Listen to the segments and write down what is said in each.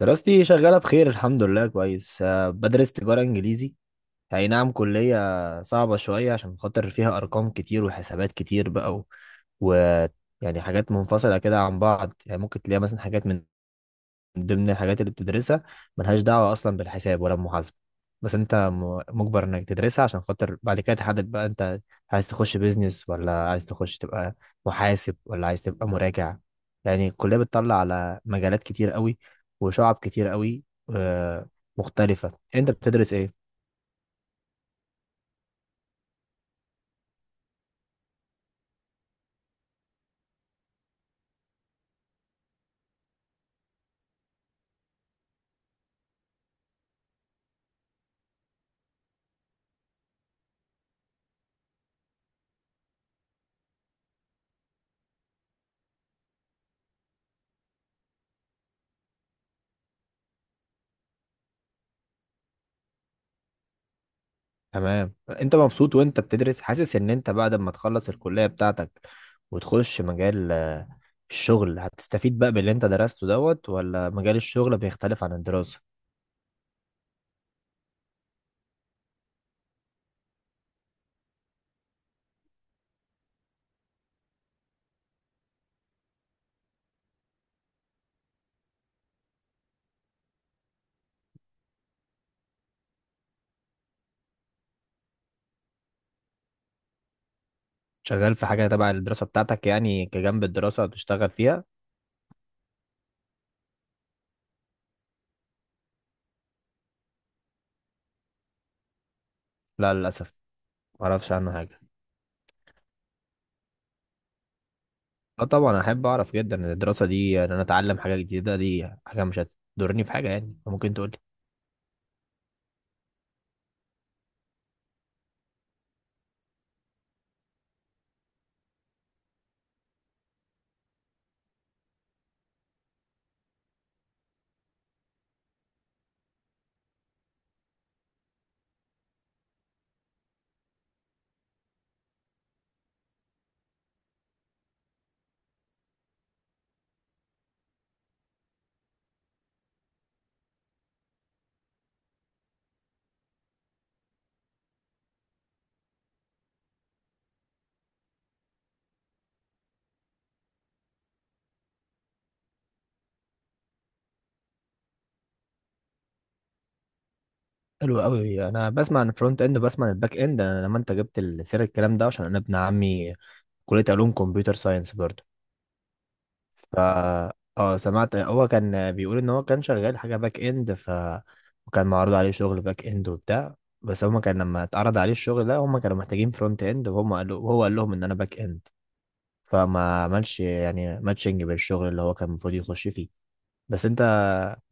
دراستي شغالة بخير، الحمد لله، كويس. بدرس تجارة إنجليزي. أي نعم، كلية صعبة شوية عشان خاطر فيها أرقام كتير وحسابات كتير بقى و... يعني حاجات منفصلة كده عن بعض. يعني ممكن تلاقي مثلا حاجات من ضمن الحاجات اللي بتدرسها ملهاش دعوة أصلا بالحساب ولا المحاسبة، بس أنت مجبر إنك تدرسها عشان خاطر بعد كده تحدد بقى أنت عايز تخش بيزنس ولا عايز تخش تبقى محاسب ولا عايز تبقى مراجع. يعني الكلية بتطلع على مجالات كتير قوي وشعب كتير قوي آه، مختلفة. أنت بتدرس إيه؟ تمام، انت مبسوط وانت بتدرس؟ حاسس ان انت بعد ما تخلص الكلية بتاعتك وتخش مجال الشغل هتستفيد بقى باللي انت درسته دوت، ولا مجال الشغل بيختلف عن الدراسة؟ شغال في حاجة تبع الدراسة بتاعتك يعني؟ كجنب الدراسة هتشتغل فيها؟ لا للأسف، معرفش عنه حاجة. اه طبعا، احب اعرف جدا. ان الدراسة دي ان انا اتعلم حاجة جديدة دي حاجة مش هتضرني في حاجة. يعني ممكن تقولي. حلو قوي. انا بسمع عن الفرونت اند وبسمع عن الباك اند. انا لما انت جبت سير الكلام ده، عشان انا ابن عمي كلية علوم كمبيوتر ساينس برضه، ف اه سمعت هو كان بيقول ان هو كان شغال حاجة باك اند، وكان معروض عليه شغل باك اند وبتاع. بس هما كان لما اتعرض عليه الشغل ده هما كانوا محتاجين فرونت اند، وهم قالوا وهو قال لهم ان انا باك اند، فما عملش يعني ماتشنج بالشغل اللي هو كان المفروض يخش فيه. بس انت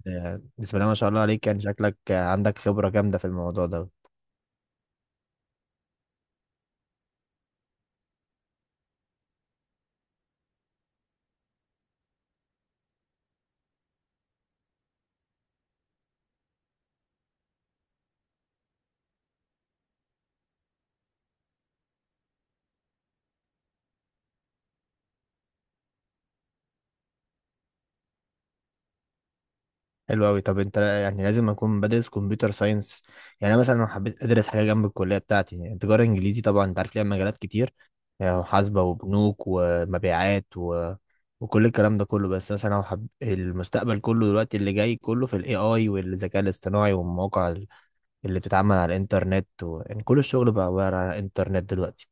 بسم الله ما شاء الله عليك، كان شكلك عندك خبرة جامدة في الموضوع ده. حلو قوي. طب انت يعني لازم اكون بدرس كمبيوتر ساينس؟ يعني انا مثلا لو حبيت ادرس حاجه جنب الكليه بتاعتي، يعني تجاره انجليزي طبعا انت عارف ليها مجالات كتير، يعني محاسبه وبنوك ومبيعات وكل الكلام ده كله. بس مثلا لو المستقبل كله دلوقتي اللي جاي كله في الاي اي والذكاء الاصطناعي والمواقع اللي بتتعمل على الانترنت يعني كل الشغل بقى عباره عن الانترنت دلوقتي.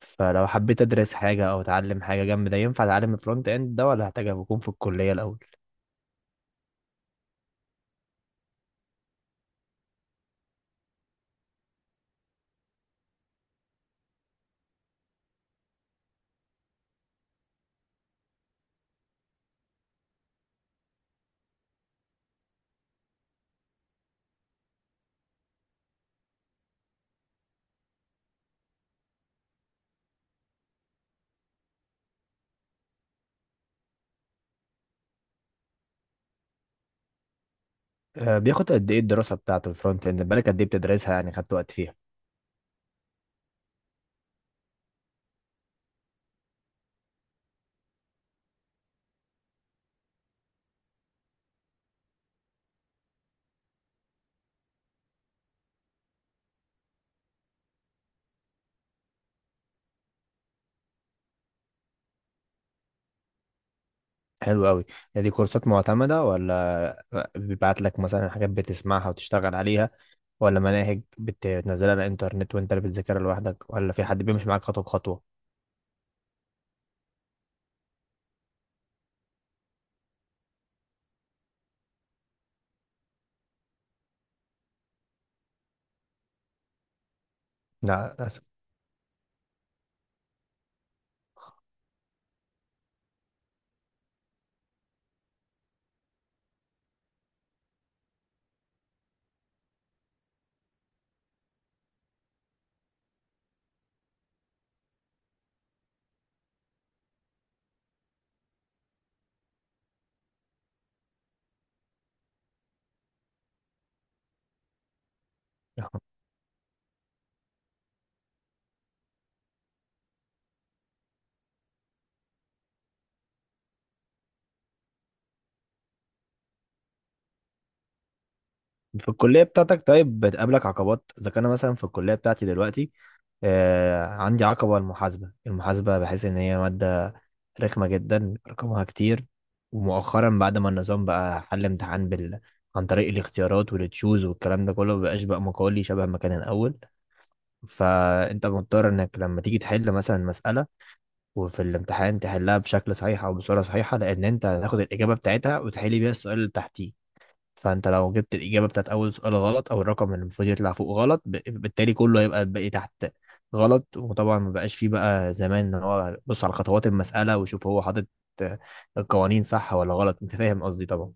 فلو حبيت ادرس حاجه او اتعلم حاجه جنب ده، ينفع اتعلم الفرونت اند ده ولا هحتاج اكون في الكليه الاول؟ بياخد قد ايه الدراسة بتاعته الفرونت اند؟ بالك قد ايه بتدرسها؟ يعني خدت وقت فيها؟ حلو قوي. دي كورسات معتمدة، ولا بيبعت لك مثلا حاجات بتسمعها وتشتغل عليها، ولا مناهج بتنزلها على الانترنت وانت اللي بتذاكرها لوحدك، ولا في حد بيمشي معاك خطوة بخطوة؟ لا للأسف. في الكلية بتاعتك طيب بتقابلك عقبات؟ إذا كان أنا مثلا في الكلية بتاعتي دلوقتي، آه عندي عقبة المحاسبة. المحاسبة بحس إن هي مادة رخمة جدا، رقمها كتير. ومؤخرا بعد ما النظام بقى حل امتحان بال عن طريق الاختيارات والتشوز والكلام ده كله، مبقاش بقى مقالي شبه ما كان الأول. فأنت مضطر إنك لما تيجي تحل مثلا مسألة وفي الامتحان تحلها بشكل صحيح أو بصورة صحيحة، لأن أنت هتاخد الإجابة بتاعتها وتحل بيها السؤال اللي تحتيه. فانت لو جبت الاجابه بتاعت اول سؤال غلط، او الرقم اللي المفروض يطلع فوق غلط، بالتالي كله هيبقى الباقي تحت غلط. وطبعا ما بقاش فيه بقى زمان ان هو بص على خطوات المساله ويشوف هو حاطط آه، القوانين صح ولا غلط. انت فاهم قصدي طبعا.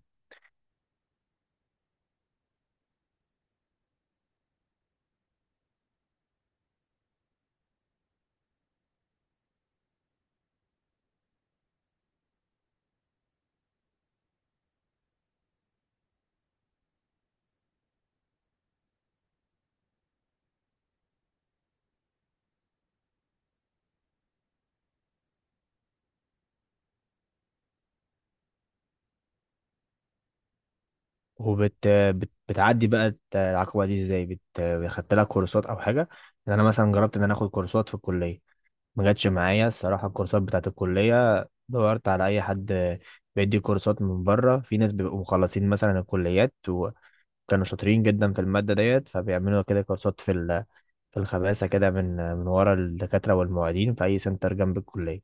بتعدي بقى العقبه دي ازاي؟ خدت لها كورسات او حاجه؟ يعني انا مثلا جربت ان انا اخد كورسات في الكليه، ما جاتش معايا الصراحه الكورسات بتاعت الكليه. دورت على اي حد بيدي كورسات من بره. في ناس بيبقوا مخلصين مثلا الكليات كانوا شاطرين جدا في المادة ديت، فبيعملوا كده كورسات في في الخباثة كده، من ورا الدكاترة والمعيدين في أي سنتر جنب الكلية.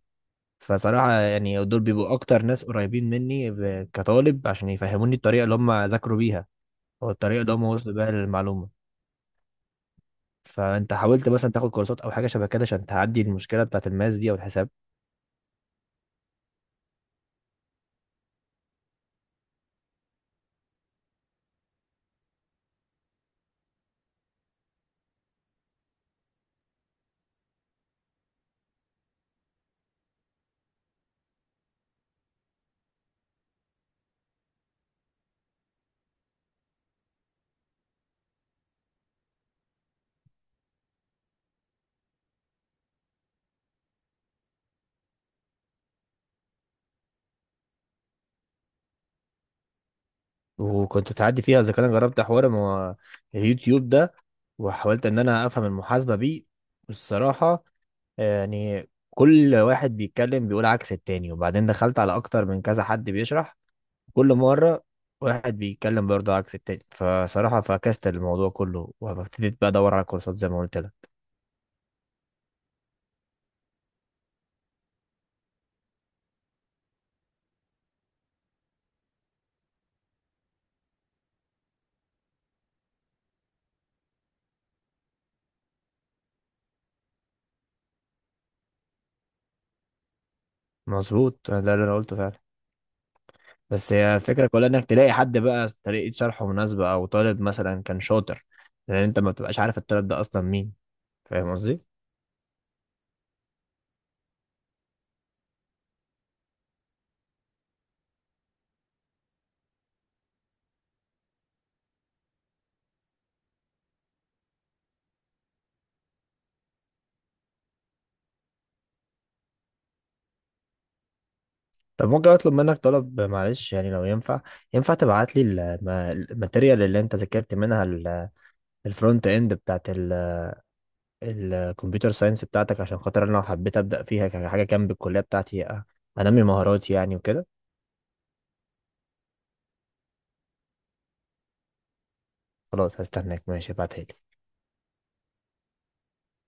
فصراحة يعني دول بيبقوا أكتر ناس قريبين مني كطالب، عشان يفهموني الطريقة اللي هم ذاكروا بيها أو الطريقة اللي هم وصلوا بيها للمعلومة. فأنت حاولت مثلا تاخد كورسات أو حاجة شبه كده عشان تعدي المشكلة بتاعت الماس دي أو الحساب؟ وكنت تعدي فيها؟ اذا كان أنا جربت حوار ما هو اليوتيوب ده، وحاولت ان انا افهم المحاسبه بيه. الصراحه يعني كل واحد بيتكلم بيقول عكس التاني. وبعدين دخلت على اكتر من كذا حد بيشرح، كل مرة واحد بيتكلم برضه عكس التاني. فصراحة فكست الموضوع كله وابتديت بقى ادور على كورسات زي ما قلت لك. مظبوط، ده اللي انا قلته فعلا. بس هي الفكرة كلها انك تلاقي حد بقى طريقة شرحه مناسبة، او طالب مثلا كان شاطر، لان انت ما بتبقاش عارف الطالب ده اصلا مين. فاهم قصدي؟ طب ممكن اطلب منك طلب؟ معلش يعني لو ينفع. ينفع تبعت لي الماتيريال اللي انت ذاكرت منها الفرونت اند بتاعت الكمبيوتر ساينس بتاعتك؟ عشان خاطر انا لو حبيت ابدا فيها كحاجه جنب الكليه بتاعتي، انمي مهاراتي يعني وكده. خلاص، هستناك. ماشي، ابعتها لي.